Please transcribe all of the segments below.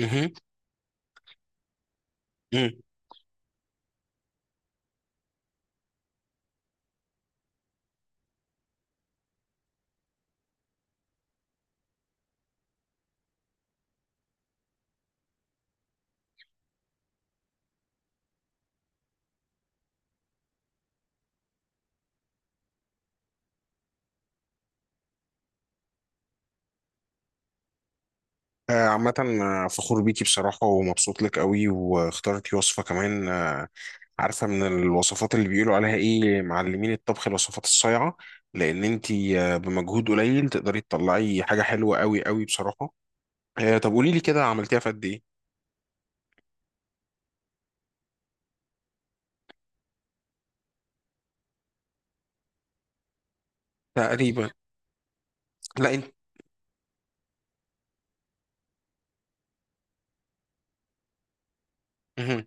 مهم. مم. عامة، فخور بيكي بصراحة ومبسوط لك قوي، واخترتي وصفة كمان. عارفة من الوصفات اللي بيقولوا عليها ايه معلمين الطبخ؟ الوصفات الصايعة، لأن انتي بمجهود قليل تقدري تطلعي حاجة حلوة قوي قوي بصراحة. طب قولي لي كده، عملتيها في قد ايه؟ تقريبا. لا انت. مهم.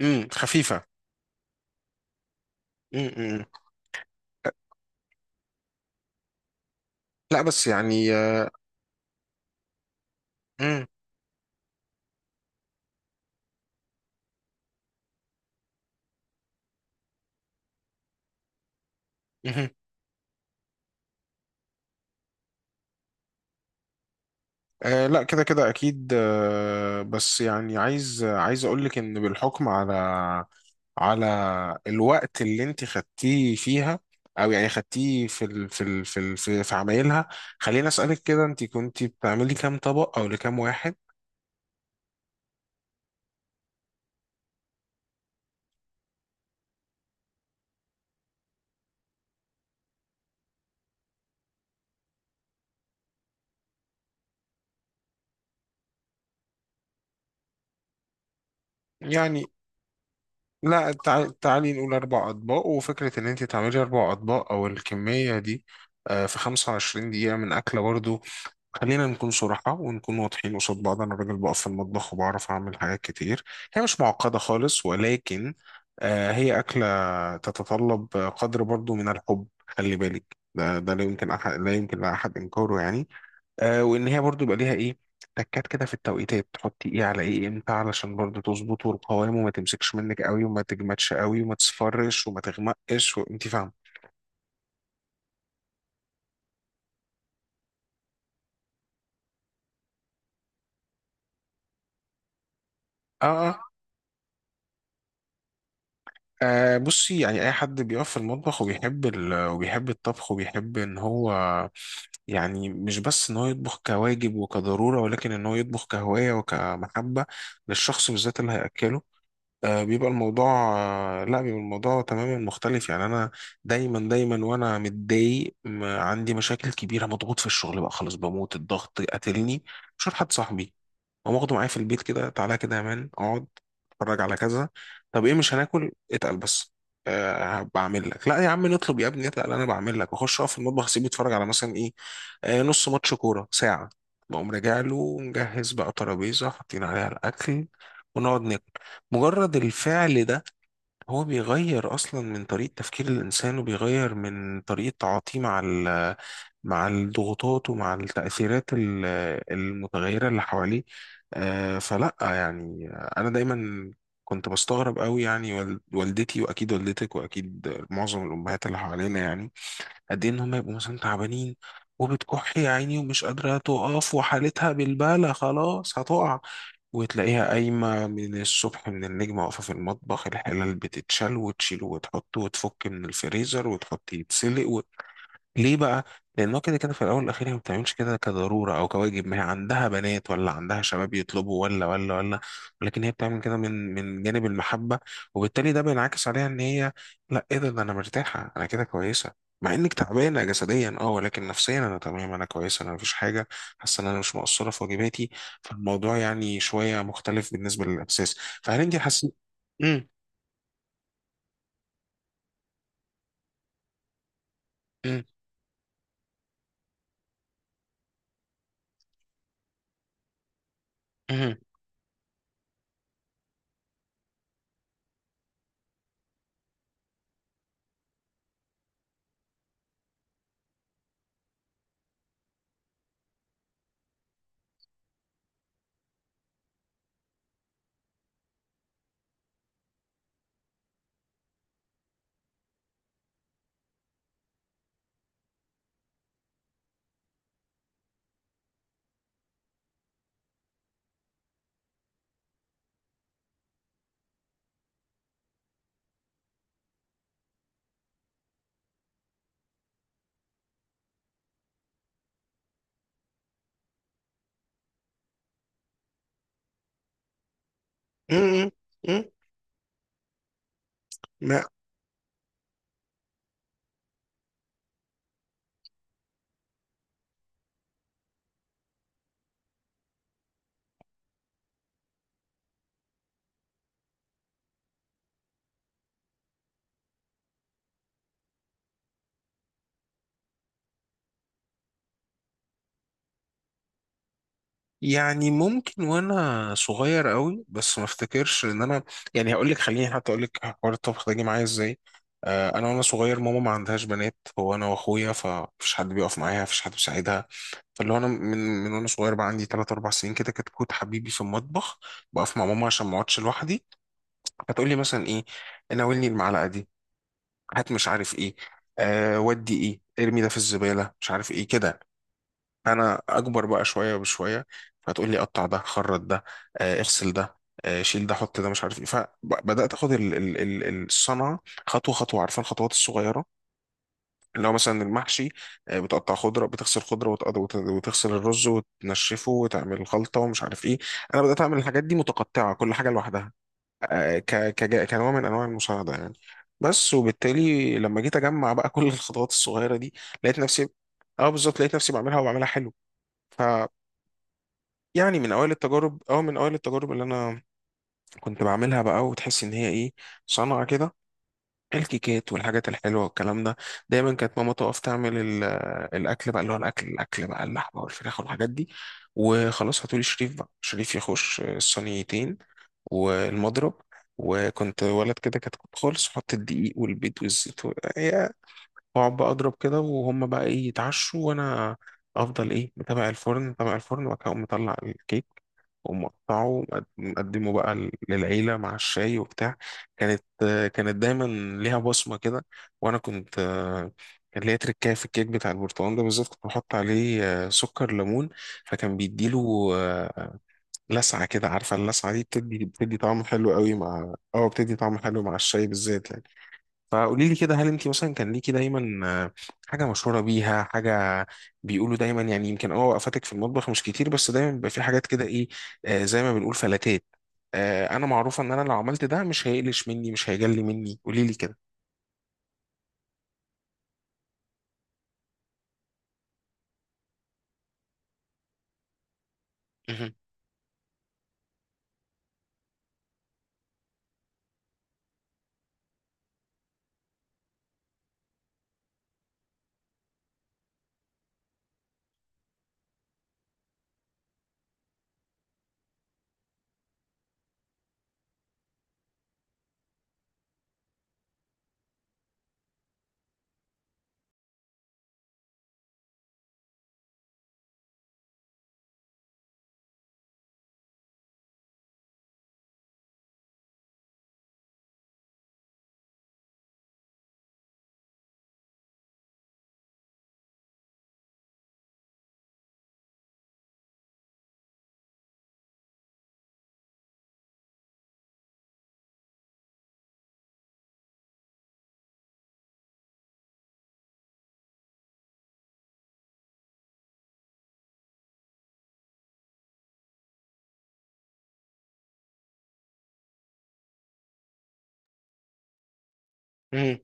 مم. خفيفة. مم. مم. لا، بس يعني مم. مهم. آه، لا كده كده اكيد. بس يعني عايز اقول لك ان بالحكم على، على الوقت اللي انت خدتيه فيها، او يعني خدتيه في عمايلها. خليني اسالك كده، انت كنت بتعملي كام طبق او لكام واحد؟ يعني لا، تعالي نقول 4 اطباق، وفكره ان انت تعملي 4 اطباق او الكميه دي في 25 دقيقه من اكله برضو. خلينا نكون صراحة ونكون واضحين قصاد بعض، أنا راجل بقف في المطبخ وبعرف أعمل حاجات كتير. هي مش معقدة خالص، ولكن هي أكلة تتطلب قدر برضو من الحب، خلي بالك ده، لا يمكن أحد، لا يمكن لأحد إنكاره يعني. وإن هي برضو يبقى ليها إيه، تكات كده في التوقيتات، تحطي إيه على إيه إمتى علشان برضو تظبط، والقوام وما تمسكش منك قوي، وما تجمدش قوي، وما تصفرش، وما تغمقش، وأنت فاهمة. اه، آه. أه، بصي يعني، أي حد بيقف في المطبخ وبيحب وبيحب الطبخ وبيحب إن هو، يعني مش بس إن هو يطبخ كواجب وكضرورة، ولكن إن هو يطبخ كهواية وكمحبة للشخص بالذات اللي هيأكله، بيبقى الموضوع، لا، بيبقى الموضوع تماما مختلف. يعني انا دايما دايما وانا متضايق، عندي مشاكل كبيره، مضغوط في الشغل بقى خلاص بموت، الضغط قاتلني، مش حد صاحبي قام واخده معايا في البيت كده، تعالى كده يا مان اقعد اتفرج على كذا. طب ايه، مش هناكل اتقل بس؟ أه بعمل لك، لا يا عم نطلب يا ابني اتقل، انا بعمل لك واخش اقف في المطبخ، اسيبه يتفرج على مثلا ايه، أه نص ماتش كوره، ساعه، بقوم راجع له مجهز بقى ترابيزه حاطين عليها الاكل، ونقعد ناكل. مجرد الفعل ده هو بيغير اصلا من طريقة تفكير الانسان، وبيغير من طريقة تعاطيه مع مع الضغوطات، ومع التأثيرات المتغيرة اللي حواليه. فلا يعني، انا دايما كنت بستغرب قوي يعني، والدتي واكيد والدتك واكيد معظم الامهات اللي حوالينا يعني، قد ايه ان هم يبقوا مثلا تعبانين وبتكح يا عيني، ومش قادره تقف وحالتها بالبالة خلاص هتقع، وتلاقيها قايمة من الصبح من النجمة، واقفة في المطبخ، الحلال بتتشال وتشيل وتحط، وتفك من الفريزر وتحط يتسلق. ليه بقى؟ لأنه كده كده في الأول والأخير هي ما بتعملش كده كضرورة أو كواجب، ما هي عندها بنات ولا عندها شباب يطلبوا، ولا ولا ولا، ولكن هي بتعمل كده من جانب المحبة، وبالتالي ده بينعكس عليها إن هي، لا إيه ده، أنا مرتاحة، أنا كده كويسة، مع إنك تعبانة جسديا أه، ولكن نفسيا أنا تمام، أنا كويسة، أنا مفيش حاجة، حاسة إن أنا مش مقصرة في واجباتي. فالموضوع يعني شوية مختلف بالنسبة للإحساس. فهل أنت حاسة؟ مم، مم، مم، مم، مم، مم. لا يعني ممكن وانا صغير قوي، بس ما افتكرش ان انا، يعني هقول لك، خليني حتى اقول لك حوار الطبخ ده جه معايا ازاي. انا وانا صغير، ماما ما عندهاش بنات، هو انا واخويا، فمفيش حد بيقف معايا، مفيش حد بيساعدها، فاللي هو انا من وانا صغير بقى عندي 3 4 سنين كده، كنت حبيبي في المطبخ، بقف مع ماما عشان ما اقعدش لوحدي. هتقول لي مثلا ايه، ناولني المعلقه دي، هات مش عارف ايه، أه ودي ايه ارمي ده في الزباله مش عارف ايه كده. انا اكبر بقى شويه بشويه، فهتقول لي قطع ده، خرط ده، اغسل ده، شيل ده حط ده مش عارف ايه، فبدات اخد الصنعه خطوه خطوه، عارفه الخطوات الصغيره اللي هو مثلا المحشي، بتقطع خضره بتغسل خضره وتغسل الرز وتنشفه وتعمل خلطه ومش عارف ايه. انا بدات اعمل الحاجات دي متقطعه كل حاجه لوحدها، كنوع من انواع المساعده يعني، بس. وبالتالي لما جيت اجمع بقى كل الخطوات الصغيره دي لقيت نفسي، اه بالظبط لقيت نفسي بعملها، وبعملها حلو. يعني من اوائل التجارب، او من اوائل التجارب اللي انا كنت بعملها بقى، وتحس ان هي ايه، صنعه كده. الكيكات والحاجات الحلوه والكلام ده، دايما كانت ماما تقف تعمل الاكل بقى، اللي هو الاكل، بقى اللحمه والفراخ والحاجات دي، وخلاص هاتولي شريف، بقى شريف يخش الصينيتين والمضرب، وكنت ولد كده كتكوت خالص، احط الدقيق والبيض والزيت و- إيه، واقعد بقى اضرب كده، وهم بقى ايه يتعشوا، وانا افضل ايه متابع الفرن، متابع الفرن، وبعد كده أقوم مطلع الكيك ومقطعه، مقدمه بقى للعيلة مع الشاي وبتاع. كانت، كانت دايما ليها بصمة كده، وأنا كنت، كان ليا تركاية في الكيك بتاع البرتقال ده بالذات، كنت بحط عليه سكر ليمون، فكان بيديله لسعة كده، عارفة اللسعة دي بتدي، طعم حلو قوي مع بتدي طعم حلو مع الشاي بالذات يعني. فقولي لي كده، هل انت مثلا كان ليكي دايما حاجه مشهوره بيها، حاجه بيقولوا دايما يعني، يمكن وقفاتك في المطبخ مش كتير، بس دايما بيبقى في حاجات كده ايه، زي ما بنقول فلاتات، انا معروفه ان انا لو عملت ده مش هيقلش مني، مش هيجلي مني، قولي لي كده. مهم. مهم.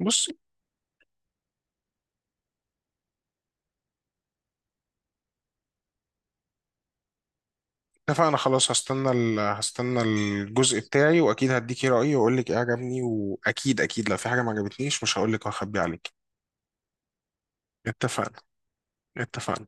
بص، اتفقنا خلاص، هستنى هستنى الجزء بتاعي، واكيد هديكي رايي واقول لك ايه عجبني، واكيد اكيد لو في حاجه ما عجبتنيش مش هقول لك واخبي عليك. اتفقنا. اتفقنا.